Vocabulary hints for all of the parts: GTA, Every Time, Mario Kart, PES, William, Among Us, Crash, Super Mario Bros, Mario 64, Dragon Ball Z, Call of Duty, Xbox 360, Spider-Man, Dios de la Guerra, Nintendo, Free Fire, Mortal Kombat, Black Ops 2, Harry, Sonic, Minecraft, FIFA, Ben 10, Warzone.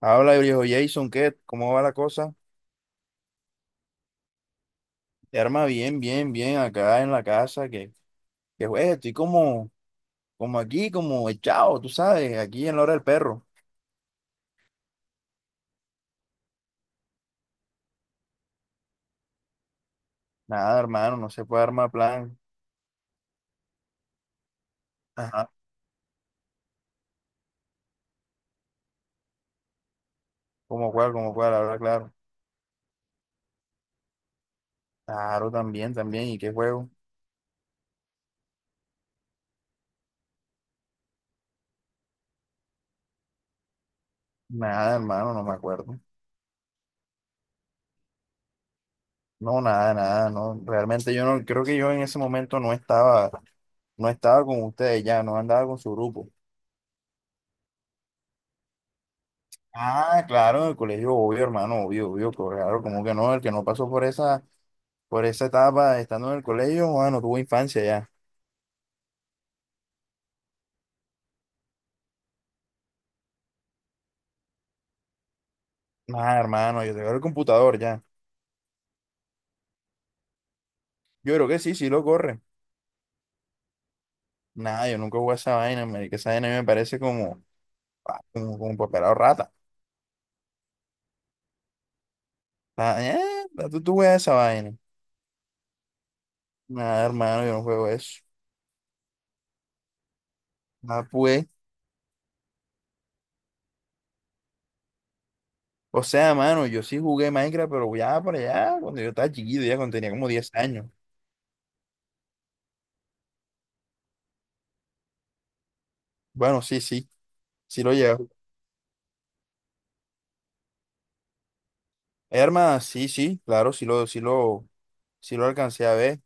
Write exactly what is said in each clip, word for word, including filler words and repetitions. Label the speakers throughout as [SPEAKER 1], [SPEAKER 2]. [SPEAKER 1] Habla, viejo Jason, ¿qué? ¿Cómo va la cosa? Arma bien, bien, bien, acá en la casa, que, que juez, estoy como, como aquí, como echado, tú sabes, aquí en la hora del perro. Nada, hermano, no se puede armar plan. Ajá. ¿Cómo cuál, cómo cuál? Habla claro. Claro, también, también, ¿y qué juego? Nada, hermano, no me acuerdo. No, nada, nada, no. Realmente yo no, creo que yo en ese momento no estaba, no estaba con ustedes ya, no andaba con su grupo. Ah, claro, en el colegio, obvio, hermano, obvio, obvio, claro, como que no, el que no pasó por esa Por esa etapa, estando en el colegio, bueno, tuvo infancia ya. Nada, hermano, yo tengo el computador ya. Yo creo que sí, sí lo corre. Nada, yo nunca jugué a esa vaina, marica. Esa vaina a mí me parece como, ah, como, como papelado rata. Ah, eh, tú, tú juegas esa vaina. Nada, hermano, yo no juego eso. Ah, pues. O sea, mano, yo sí jugué Minecraft, pero ya por allá, cuando yo estaba chiquito, ya cuando tenía como diez años. Bueno, sí, sí, sí lo llevo. Hermano, sí, sí, claro, sí lo, sí lo, sí lo alcancé a ver.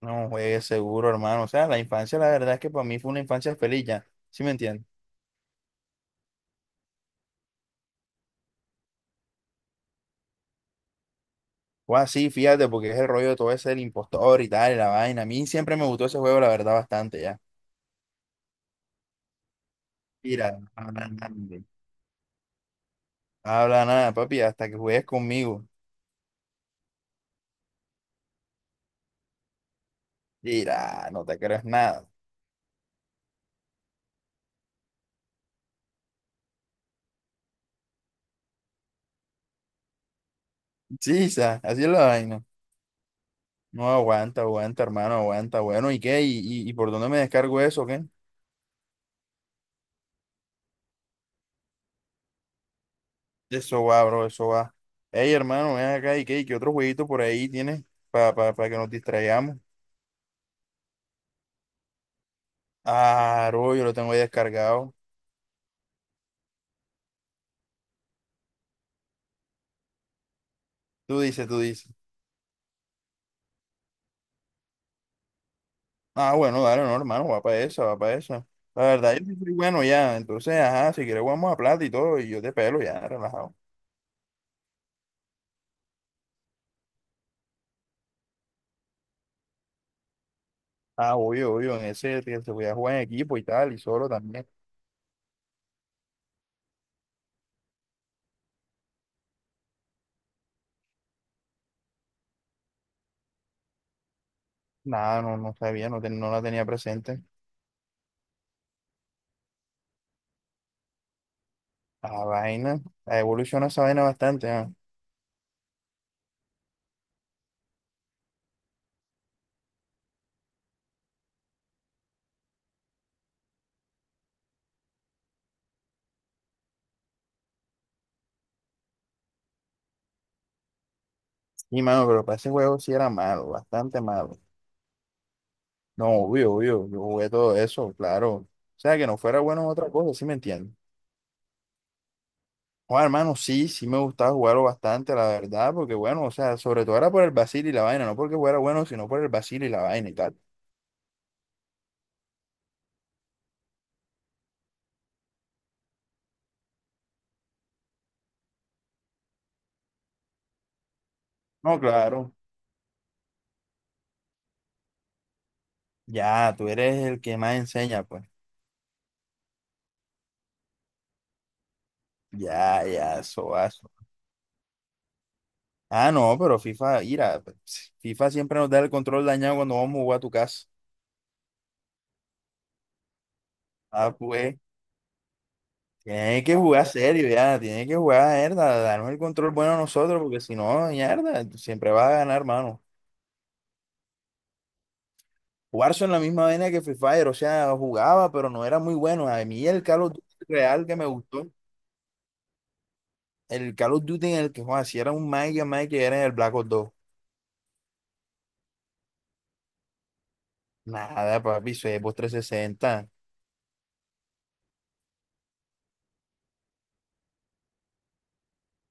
[SPEAKER 1] No, juegue seguro, hermano. O sea, la infancia, la verdad es que para mí fue una infancia feliz ya. ¿Sí me entiendes? Fue así, fíjate, porque es el rollo de todo ese del impostor y tal, y la vaina. A mí siempre me gustó ese juego, la verdad, bastante ya. Mira, habla nada, habla nada, papi, hasta que juegues conmigo. Mira, no te creas nada. Chisa, así es la vaina. No aguanta, aguanta, hermano, aguanta. Bueno, ¿y qué? ¿Y, y, y por dónde me descargo eso, o qué? Eso va, bro, eso va. Ey, hermano, ven acá, ¿y qué? ¿Y qué otro jueguito por ahí tienes para que nos distraigamos? Ah, bro, yo lo tengo ahí descargado. Tú dices, tú dices. Ah, bueno, dale, no, hermano, va para esa, va para esa. La verdad, yo sí soy bueno ya. Entonces, ajá, si quieres jugamos a plata y todo, y yo te pelo ya, relajado. Ah, obvio, obvio, en ese que se voy a jugar en equipo y tal, y solo también. Nada, no, no sabía, no, ten- no la tenía presente. La vaina, la evoluciona esa vaina bastante, ah. Y mano, pero para ese juego sí era malo, bastante malo. No, obvio, obvio, yo jugué todo eso, claro. O sea, que no fuera bueno en otra cosa, sí me entiendes. Joder, hermano, sí, sí me gustaba jugarlo bastante, la verdad, porque bueno, o sea, sobre todo era por el vacil y la vaina, no porque fuera bueno, sino por el vacil y la vaina y tal. No, claro. Ya, tú eres el que más enseña, pues. Ya, ya, eso, eso. Ah, no, pero FIFA, mira, pues, FIFA siempre nos da el control dañado cuando vamos a jugar a tu casa. Ah, pues, tienes que jugar serio, ya, tienes que jugar, mierda, darnos el control bueno a nosotros, porque si no, mierda, tú siempre vas a ganar, hermano. Warzone en la misma vaina que Free Fire, o sea, jugaba, pero no era muy bueno. A mí el Call of Duty real que me gustó, el Call of Duty en el que jugaba, si era un Mike, Mike, era en el Black Ops dos. Nada, papi, eso es Xbox tres sesenta.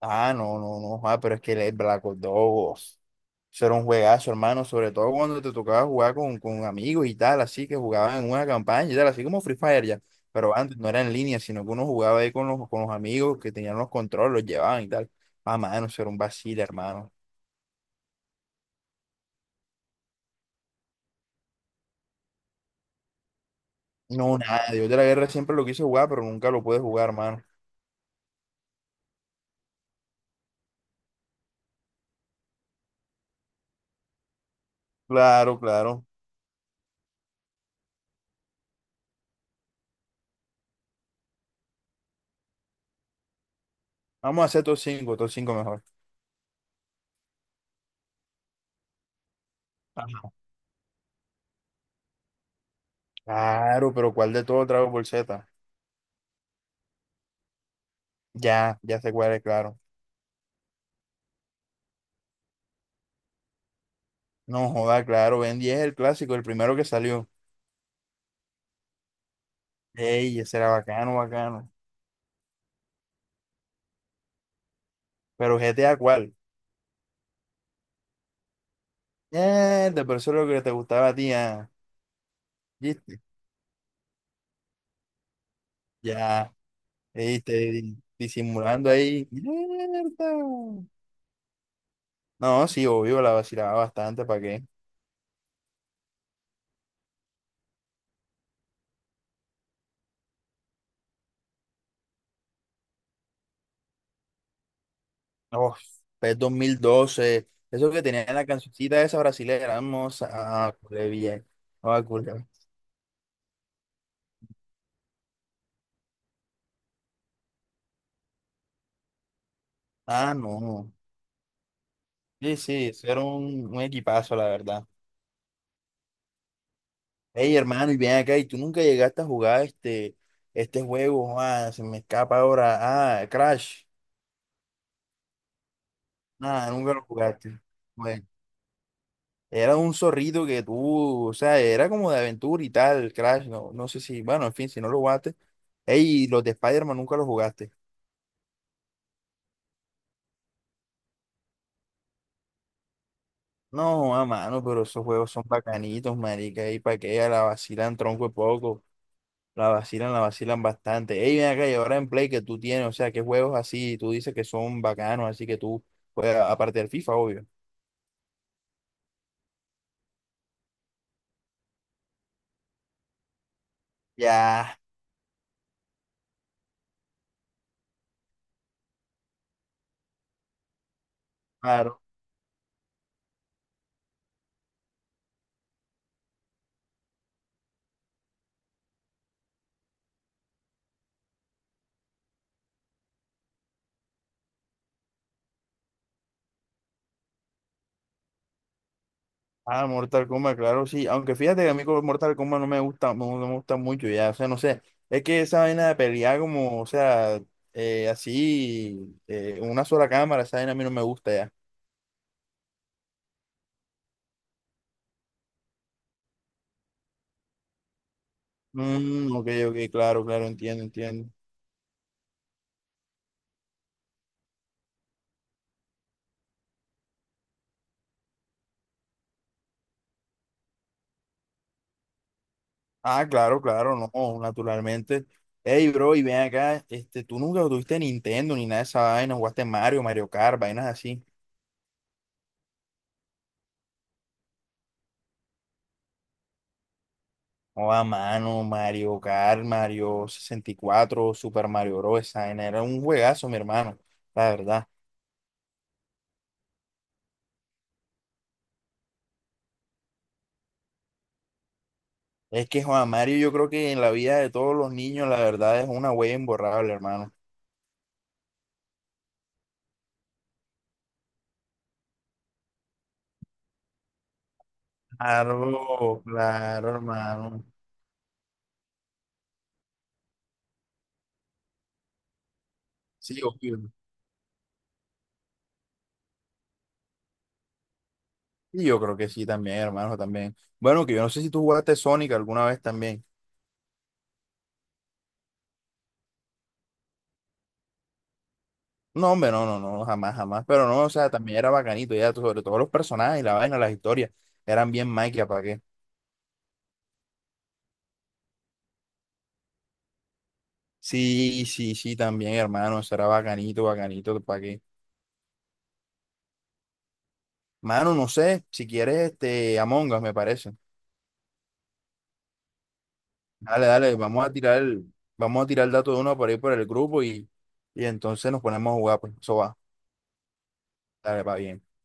[SPEAKER 1] Ah, no, no, no, joda, pero es que el Black Ops dos, eso era un juegazo, hermano, sobre todo cuando te tocaba jugar con, con amigos y tal, así que jugaban en una campaña y tal, así como Free Fire ya. Pero antes no era en línea, sino que uno jugaba ahí con los, con los amigos que tenían los controles, los llevaban y tal. Ah, mano, eso era un vacile, hermano. No, nada, Dios de la Guerra siempre lo quise jugar, pero nunca lo pude jugar, mano. Claro, claro. Vamos a hacer top cinco, top cinco mejor. Claro, pero ¿cuál de todo Dragon Ball Z? Ya, ya sé cuál es, claro. No joda, claro, Ben diez es el clásico, el primero que salió. Ey, ese era bacano, bacano. Pero G T A, ¿cuál? Eh, de por eso lo que te gustaba a ti, ah. ¿Viste? Ya, ey, te- di- disimulando ahí. Mierda. No, sí, obvio, la vacilaba bastante, ¿para qué? Oh, PES dos mil doce, eso que tenía la cancioncita esa brasilera, hermosa. Ah, culé bien. Ah, culé. Ah, no. Sí, sí, eso era un, un equipazo, la verdad. Ey, hermano, y bien acá, y tú nunca llegaste a jugar este, este juego, ah, se me escapa ahora. Ah, Crash. Nada, nunca lo jugaste. Bueno, era un zorrito que tú, o sea, era como de aventura y tal, Crash, no, no sé si, bueno, en fin, si no lo jugaste. Ey, y los de Spider-Man nunca los jugaste. No, a mano, pero esos juegos son bacanitos, marica, y pa' que ella la vacilan tronco de poco, la vacilan, la vacilan bastante. Ey, ven acá, y ahora en Play que tú tienes, o sea, qué juegos así, tú dices que son bacanos, así que tú juegas, aparte del FIFA, obvio. Ya, claro. Ah, Mortal Kombat, claro, sí. Aunque fíjate que a mí como Mortal Kombat no me gusta, no, no me gusta mucho ya, o sea, no sé, es que esa vaina de pelear como, o sea, eh, así, eh, una sola cámara, esa vaina a mí no me gusta ya. Mm, ok, ok, claro, claro, entiendo, entiendo. Ah, claro, claro, no, naturalmente. Ey, bro, y ven acá, este, tú nunca tuviste Nintendo ni nada de esa vaina, jugaste Mario, Mario Kart, vainas así. O a mano, Mario Kart, Mario sesenta y cuatro, Super Mario Bros. Esa vaina era un juegazo, mi hermano, la verdad. Es que Juan Mario, yo creo que en la vida de todos los niños, la verdad es una huella imborrable, hermano. Claro, claro, hermano. Sí, obvio. Y yo creo que sí también, hermano, también. Bueno, que yo no sé si tú jugaste Sonic alguna vez también. No, hombre, no, no, no, jamás, jamás. Pero no, o sea, también era bacanito, ya, sobre todo los personajes y la vaina, las historias, eran bien maquia, ¿para qué? Sí, sí, sí, también, hermano, eso era bacanito, bacanito, ¿para qué? Mano, no sé, si quieres, este, Among Us, me parece. Dale, dale, vamos a tirar el, vamos a tirar el dato de uno por ahí por el grupo y, y entonces nos ponemos a jugar, pues, eso va, dale, va bien.